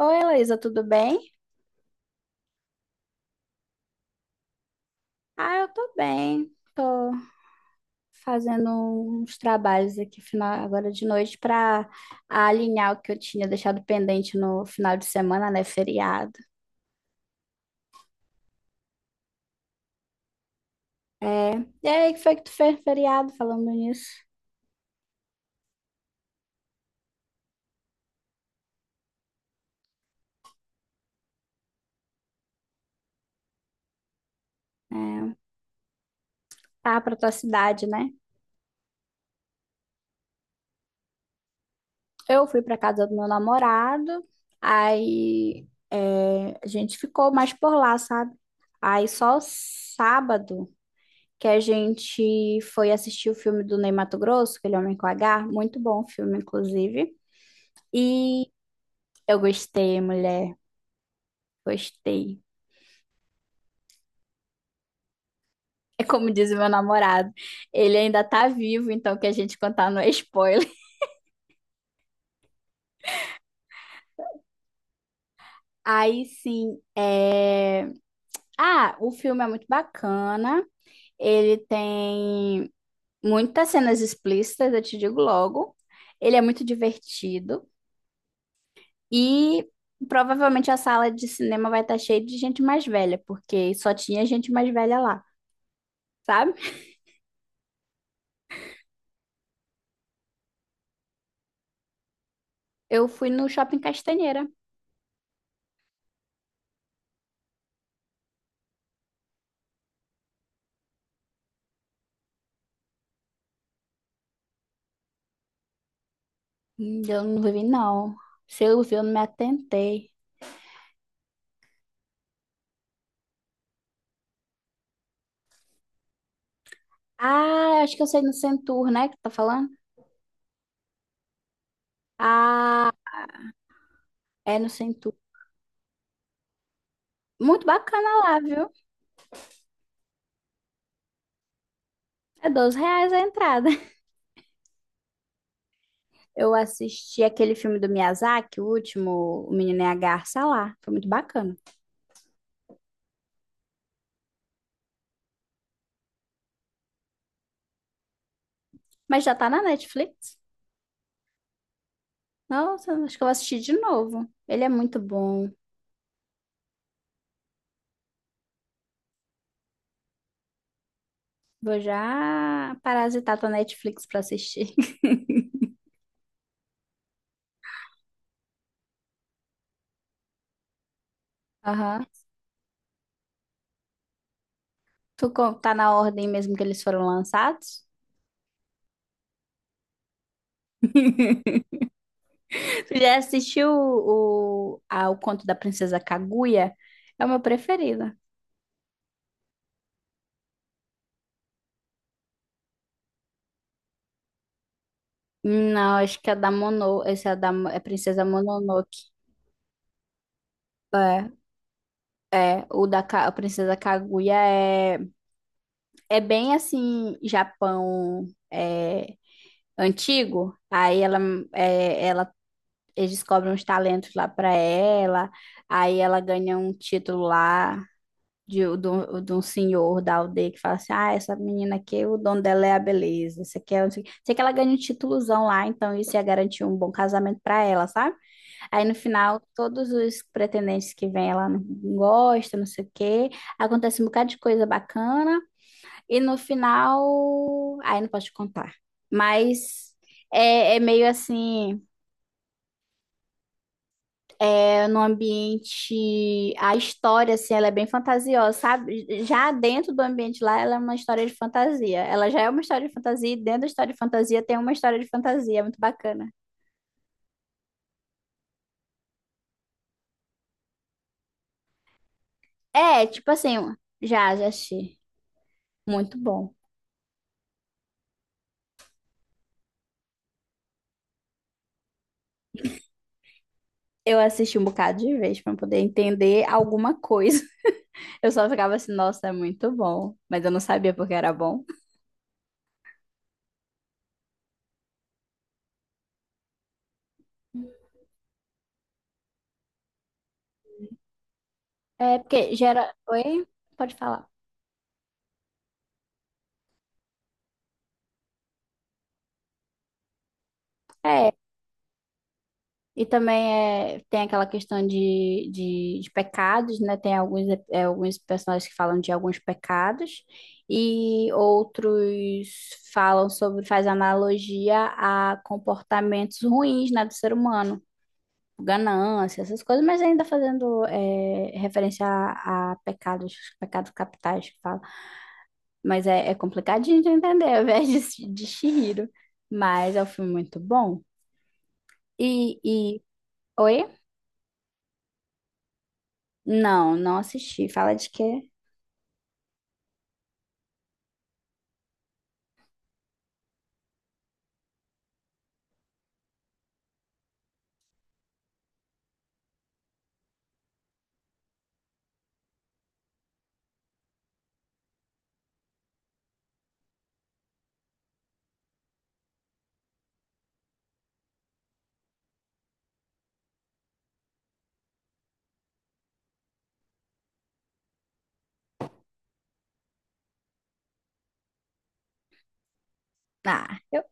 Oi, Heloísa, tudo bem? Ah, eu tô bem. Tô fazendo uns trabalhos aqui final, agora de noite para alinhar o que eu tinha deixado pendente no final de semana, né? Feriado. É. E aí, o que foi que tu fez no feriado falando nisso? Ah, pra tua cidade, né? Eu fui pra casa do meu namorado, aí a gente ficou mais por lá, sabe? Aí só sábado. Que a gente foi assistir o filme do Ney Matogrosso, aquele Homem com H, muito bom o filme, inclusive. E eu gostei, mulher, gostei. É como diz o meu namorado, ele ainda tá vivo, então o que a gente contar não é spoiler. Aí sim, ah, o filme é muito bacana, ele tem muitas cenas explícitas, eu te digo logo. Ele é muito divertido. E provavelmente a sala de cinema vai estar cheia de gente mais velha, porque só tinha gente mais velha lá, sabe? Eu fui no Shopping Castanheira. Eu não vi, não. Se eu vi, eu não me atentei. Ah, acho que eu sei no Centur, né? Que tá falando? Ah, é no Centur. Muito bacana lá, viu? É R$ 12 a entrada. Eu assisti aquele filme do Miyazaki, o último, O Menino e a Garça lá. Foi muito bacana. Mas já tá na Netflix. Nossa, acho que eu vou assistir de novo. Ele é muito bom. Vou já parasitar tua Netflix pra assistir. Aham. Tá na ordem mesmo que eles foram lançados? Tu já assistiu o Conto da Princesa Kaguya? É o meu preferido. Não, acho que é da Mono. Esse é da Princesa Mononoke. É, é, o da a Princesa Kaguya é bem assim, Japão é, antigo. Aí ela, é, ela eles descobrem uns talentos lá para ela, aí ela ganha um título lá de um senhor da aldeia que fala assim: ah, essa menina aqui, o dono dela é a beleza, você quer. Não sei o quê. Sei que ela ganha um títulozão lá, então isso ia garantir um bom casamento para ela, sabe? Aí no final, todos os pretendentes que vêm, ela não gosta, não sei o quê, acontece um bocado de coisa bacana, e no final. Aí não posso te contar. Mas é meio assim. No ambiente, a história, assim, ela é bem fantasiosa, sabe? Já dentro do ambiente lá, ela é uma história de fantasia. Ela já é uma história de fantasia e dentro da história de fantasia tem uma história de fantasia, é muito bacana. É, tipo assim, já assisti. Muito bom. Eu assisti um bocado de vez para poder entender alguma coisa. Eu só ficava assim, nossa, é muito bom. Mas eu não sabia porque era bom. Oi? Pode falar. É, e também tem aquela questão de pecados, né? Tem alguns personagens que falam de alguns pecados e outros falam sobre, faz analogia a comportamentos ruins, né, do ser humano, ganância, essas coisas, mas ainda fazendo referência a pecados, pecados capitais que fala. Mas é complicadinho de entender, ao invés de Chihiro. Mas é um filme muito bom. E, e... Oi? Não, não assisti. Fala de quê? Ah, eu,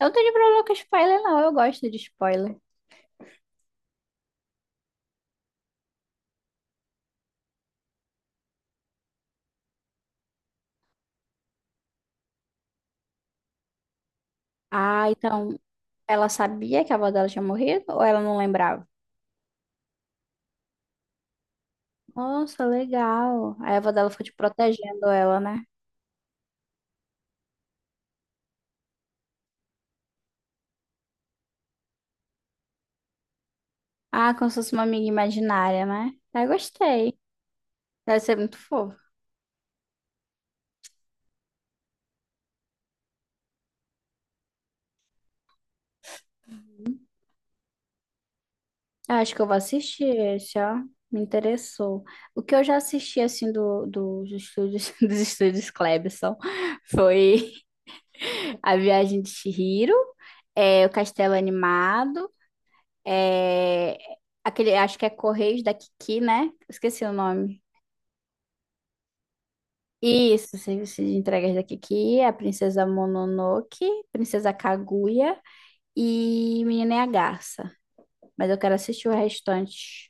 eu não tenho problema com spoiler, não. Eu gosto de spoiler. Ah, então ela sabia que a avó dela tinha morrido ou ela não lembrava? Nossa, legal. Aí a avó dela ficou te protegendo ela, né? Ah, como se fosse uma amiga imaginária, né? Ah, gostei. Deve ser muito fofo. Ah, acho que eu vou assistir esse, ó. Me interessou. O que eu já assisti, assim, dos estúdios, dos estúdios Cleberson foi. A Viagem de Chihiro, o Castelo Animado, é, aquele, acho que é Correios da Kiki, né? Esqueci o nome. Isso, Serviço de Entregas da Kiki, a Princesa Mononoke, Princesa Kaguya e Menina e a Garça. Mas eu quero assistir o restante.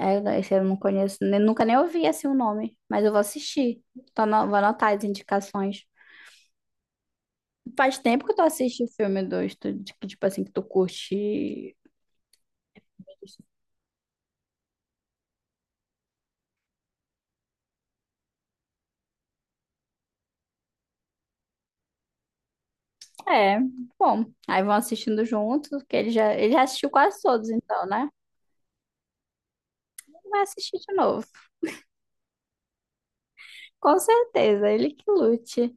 Esse eu não conheço, nunca nem ouvi assim o nome, mas eu vou assistir. Vou anotar as indicações. Faz tempo que tu assiste filme do estúdio, que, tipo assim, que tu curte. É, bom. Aí vão assistindo juntos, que ele já assistiu quase todos, então, né? Ele vai assistir de novo. Com certeza, ele que lute.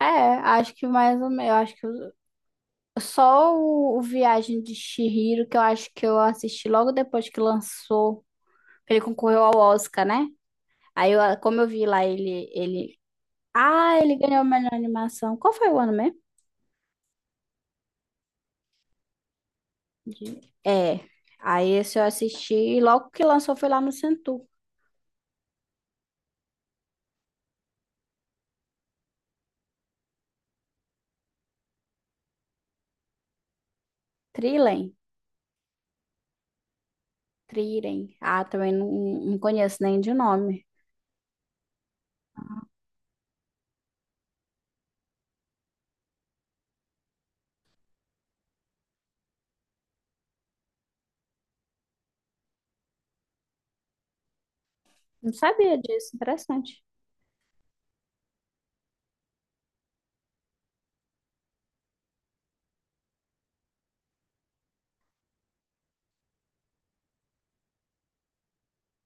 É, acho que mais ou menos, eu acho só o Viagem de Chihiro, que eu acho que eu assisti logo depois que lançou, que ele concorreu ao Oscar, né? Aí, eu, como eu vi lá, ah, ele ganhou a melhor animação. Qual foi o ano mesmo? De- É, aí esse eu assisti e logo que lançou foi lá no Centro Trilem. Triren. Ah, também não, não conheço nem de nome. Não sabia disso, interessante.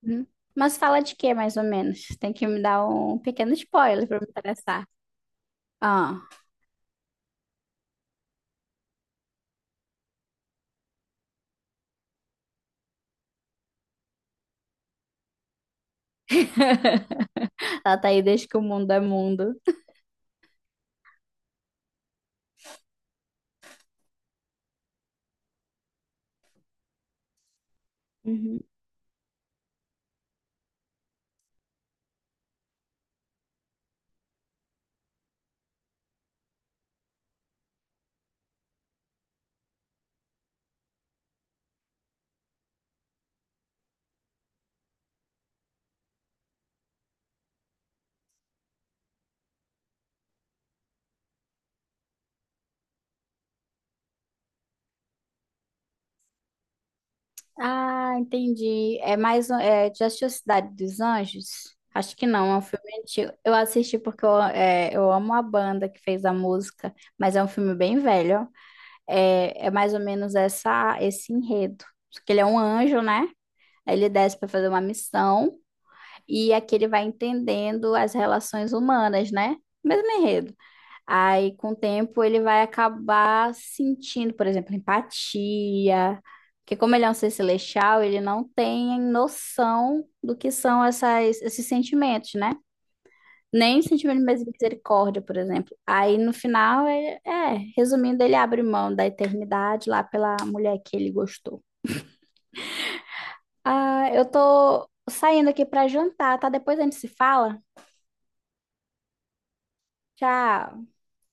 Uhum. Mas fala de quê, mais ou menos? Tem que me dar um pequeno spoiler pra me interessar. Ah. Ela tá aí desde que o mundo é mundo. Uhum. Ah, entendi. É mais um. É, já assistiu Cidade dos Anjos? Acho que não, é um filme antigo. Eu assisti porque eu, eu amo a banda que fez a música, mas é um filme bem velho. Ó. É, mais ou menos essa, esse enredo. Porque ele é um anjo, né? Aí ele desce para fazer uma missão e aqui ele vai entendendo as relações humanas, né? Mesmo enredo. Aí, com o tempo, ele vai acabar sentindo, por exemplo, empatia, porque como ele é um ser celestial, ele não tem noção do que são essas, esses sentimentos, né? Nem sentimento de misericórdia, por exemplo. Aí, no final, resumindo, ele abre mão da eternidade lá pela mulher que ele gostou. Ah, eu tô saindo aqui pra jantar, tá? Depois a gente se fala. Tchau.